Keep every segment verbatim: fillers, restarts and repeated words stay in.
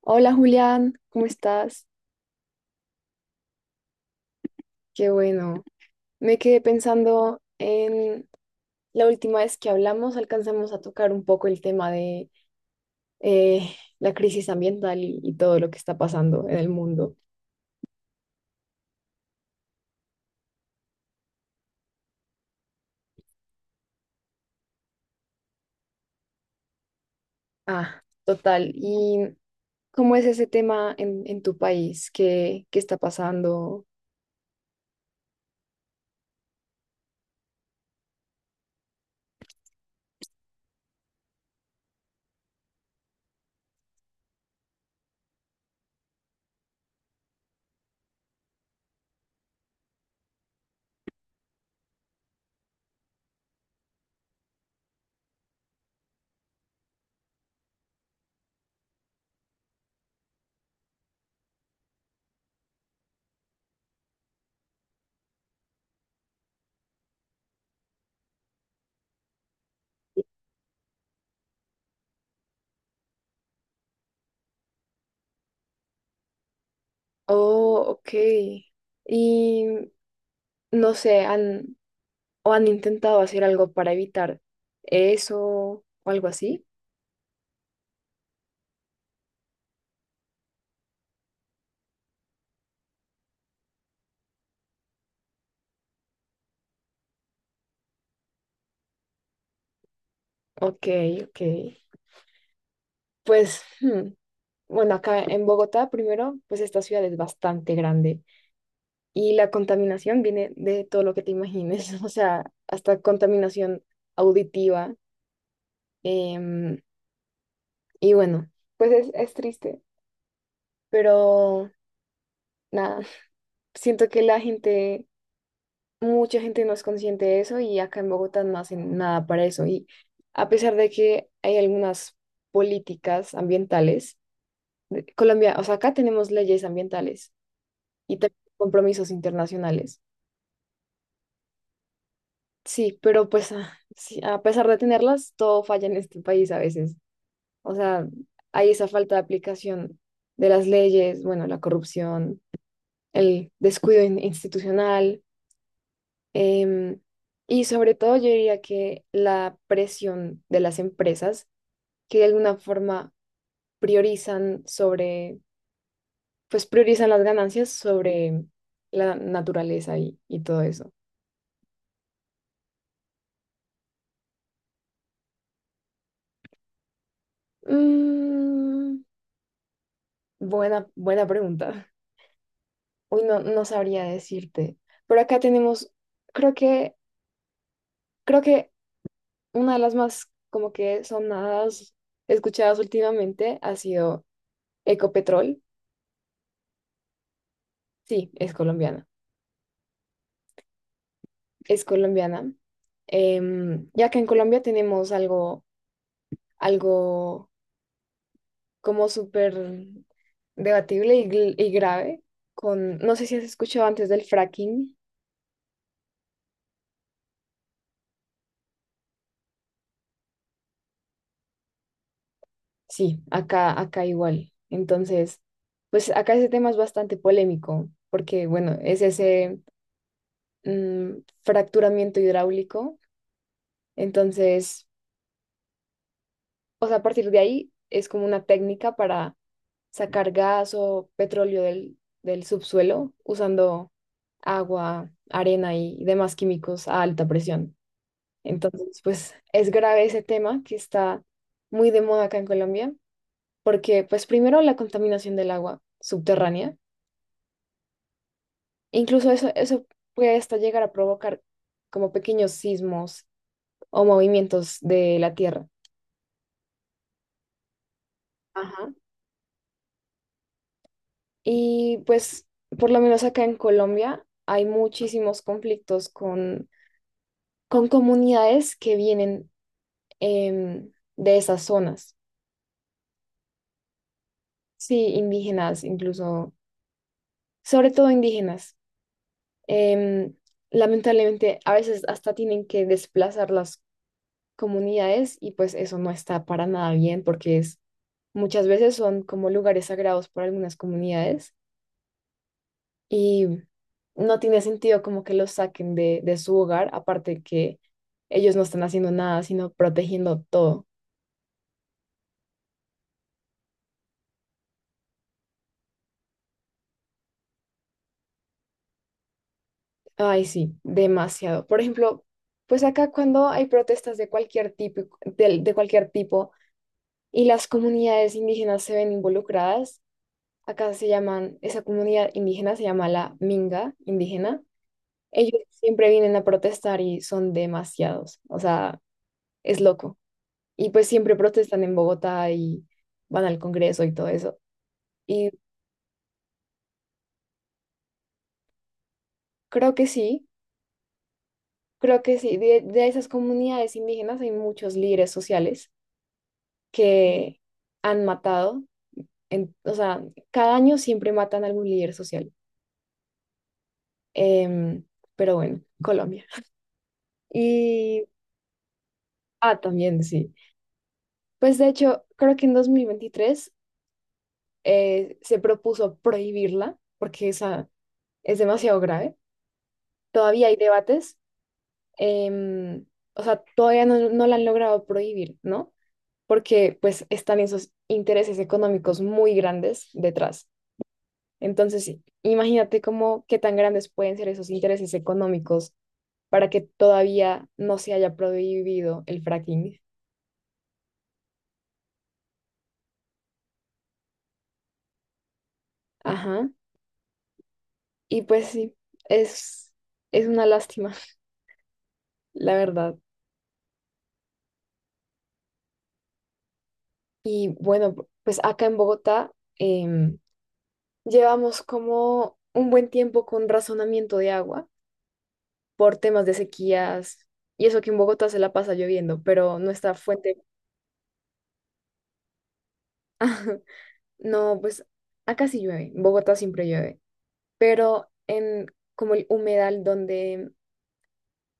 Hola Julián, ¿cómo estás? Qué bueno. Me quedé pensando en la última vez que hablamos, alcanzamos a tocar un poco el tema de eh, la crisis ambiental y, y todo lo que está pasando en el mundo. Ah, total. ¿Y cómo es ese tema en, en tu país? ¿Qué, qué está pasando? Oh, ok. Y no sé, ¿han, o han intentado hacer algo para evitar eso o algo así? Ok, ok. Pues, hmm, bueno, acá en Bogotá, primero, pues esta ciudad es bastante grande y la contaminación viene de todo lo que te imagines, o sea, hasta contaminación auditiva. em, y bueno, pues es, es triste, pero nada, siento que la gente, mucha gente no es consciente de eso y acá en Bogotá no hacen nada para eso. Y a pesar de que hay algunas políticas ambientales, Colombia, o sea, acá tenemos leyes ambientales y tengo compromisos internacionales. Sí, pero pues ah, sí, a pesar de tenerlas, todo falla en este país a veces. O sea, hay esa falta de aplicación de las leyes, bueno, la corrupción, el descuido in- institucional, em, y sobre todo yo diría que la presión de las empresas que de alguna forma priorizan sobre, pues priorizan las ganancias sobre la naturaleza y, y todo eso. Mm, Buena, buena pregunta. Uy, no, no sabría decirte. Pero acá tenemos, creo que, creo que una de las más como que sonadas escuchadas últimamente ha sido Ecopetrol. Sí, es colombiana. Es colombiana. Em, ya que en Colombia tenemos algo, algo como súper debatible y, gl- y grave con, no sé si has escuchado antes del fracking. Sí, acá, acá igual. Entonces, pues acá ese tema es bastante polémico, porque bueno, es ese mm, fracturamiento hidráulico. Entonces, o sea, a partir de ahí es como una técnica para sacar gas o petróleo del, del subsuelo usando agua, arena y demás químicos a alta presión. Entonces, pues es grave ese tema que está muy de moda acá en Colombia, porque pues primero la contaminación del agua subterránea. Incluso eso, eso puede hasta llegar a provocar como pequeños sismos o movimientos de la Tierra. Ajá. Y pues, por lo menos acá en Colombia, hay muchísimos conflictos con, con comunidades que vienen em, de esas zonas. Sí, indígenas, incluso, sobre todo indígenas. Em, Lamentablemente, a veces hasta tienen que desplazarlas comunidades y pues eso no está para nada bien porque es muchas veces son como lugares sagrados para algunas comunidades y no tiene sentido como que los saquen de, de su hogar, aparte que ellos no están haciendo nada, sino protegiendo todo. Ay, sí, demasiado. Por ejemplo, pues acá cuando hay protestas de cualquier tipo, de, de cualquier tipo y las comunidades indígenas se ven involucradas, acá se llaman, esa comunidad indígena se llama la Minga indígena. Ellos siempre vienen a protestar y son demasiados, o sea, es loco. Y pues siempre protestan en Bogotá y van al Congreso y todo eso. Y creo que sí, creo que sí. De, de esas comunidades indígenas hay muchos líderes sociales que han matado, en- o sea, cada año siempre matan a algún líder social. Em, pero bueno, Colombia. Y, ah, también sí. Pues de hecho, creo que en dos mil veintitrés eh, se propuso prohibirla porque esa es demasiado grave. Todavía hay debates, em, o sea, todavía no, no la han logrado prohibir, ¿no? Porque pues están esos intereses económicos muy grandes detrás. Entonces, sí, imagínate cómo qué tan grandes pueden ser esos intereses económicos para que todavía no se haya prohibido el fracking. Ajá. Y pues sí, es, es una lástima, la verdad. Y bueno, p- pues acá en Bogotá em, llevamos como un buen tiempo con razonamiento de agua por temas de sequías y eso que en Bogotá se la pasa lloviendo, pero nuestra fuente... No, pues acá sí llueve, en Bogotá siempre llueve, pero en como el humedal donde,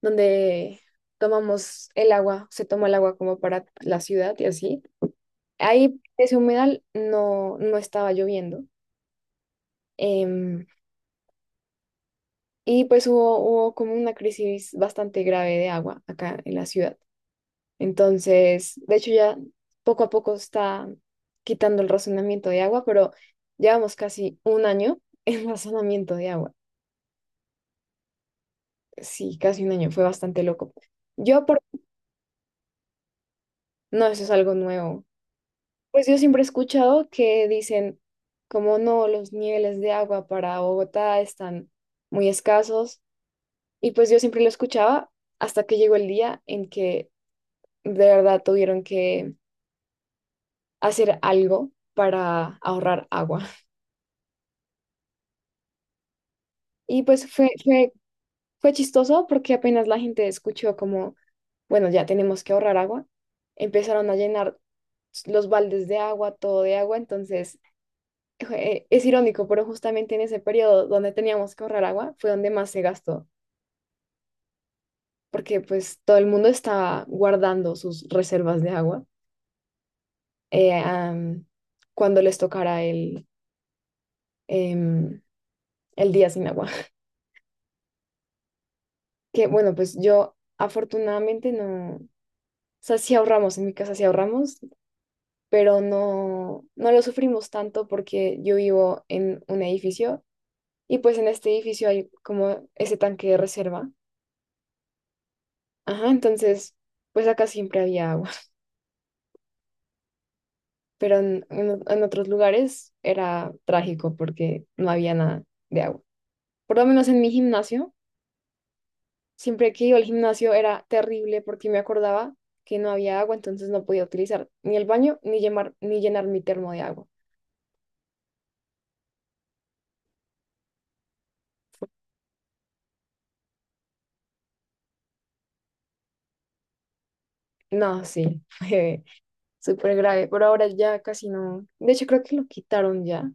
donde tomamos el agua, se toma el agua como para la ciudad y así, ahí ese humedal no, no estaba lloviendo. em, Y pues hubo, hubo como una crisis bastante grave de agua acá en la ciudad. Entonces, de hecho ya poco a poco está quitando el razonamiento de agua, pero llevamos casi un año en razonamiento de agua. Sí, casi un año, fue bastante loco. Yo por... No, eso es algo nuevo. Pues yo siempre he escuchado que dicen como no, los niveles de agua para Bogotá están muy escasos. Y pues yo siempre lo escuchaba hasta que llegó el día en que de verdad tuvieron que hacer algo para ahorrar agua. Y pues fue, fue, fue chistoso porque apenas la gente escuchó como, bueno, ya tenemos que ahorrar agua, empezaron a llenar los baldes de agua, todo de agua, entonces eh, es irónico, pero justamente en ese periodo donde teníamos que ahorrar agua fue donde más se gastó, porque pues todo el mundo estaba guardando sus reservas de agua eh, am, cuando les tocara el, em, el día sin agua. Que bueno, pues yo afortunadamente no, o sea, sí ahorramos, en mi casa sí ahorramos, pero no, no lo sufrimos tanto porque yo vivo en un edificio y pues en este edificio hay como ese tanque de reserva. Ajá, entonces, pues acá siempre había agua, pero en, en en otros lugares era trágico porque no había nada de agua. Por lo menos en mi gimnasio. Siempre que iba al gimnasio era terrible porque me acordaba que no había agua, entonces no podía utilizar ni el baño ni llenar, ni llenar mi termo de agua. No, sí, fue súper grave, pero ahora ya casi no. De hecho, creo que lo quitaron ya,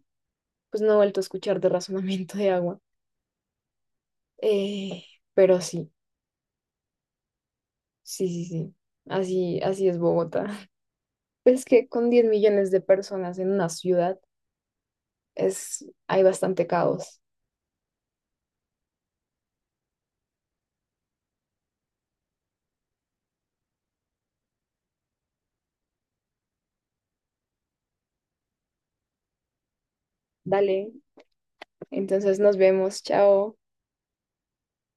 pues no he vuelto a escuchar de razonamiento de agua. Eh, pero sí, sí, sí, sí, así, así es Bogotá. Es que con diez millones de personas en una ciudad es, hay bastante caos. Dale, entonces nos vemos, chao.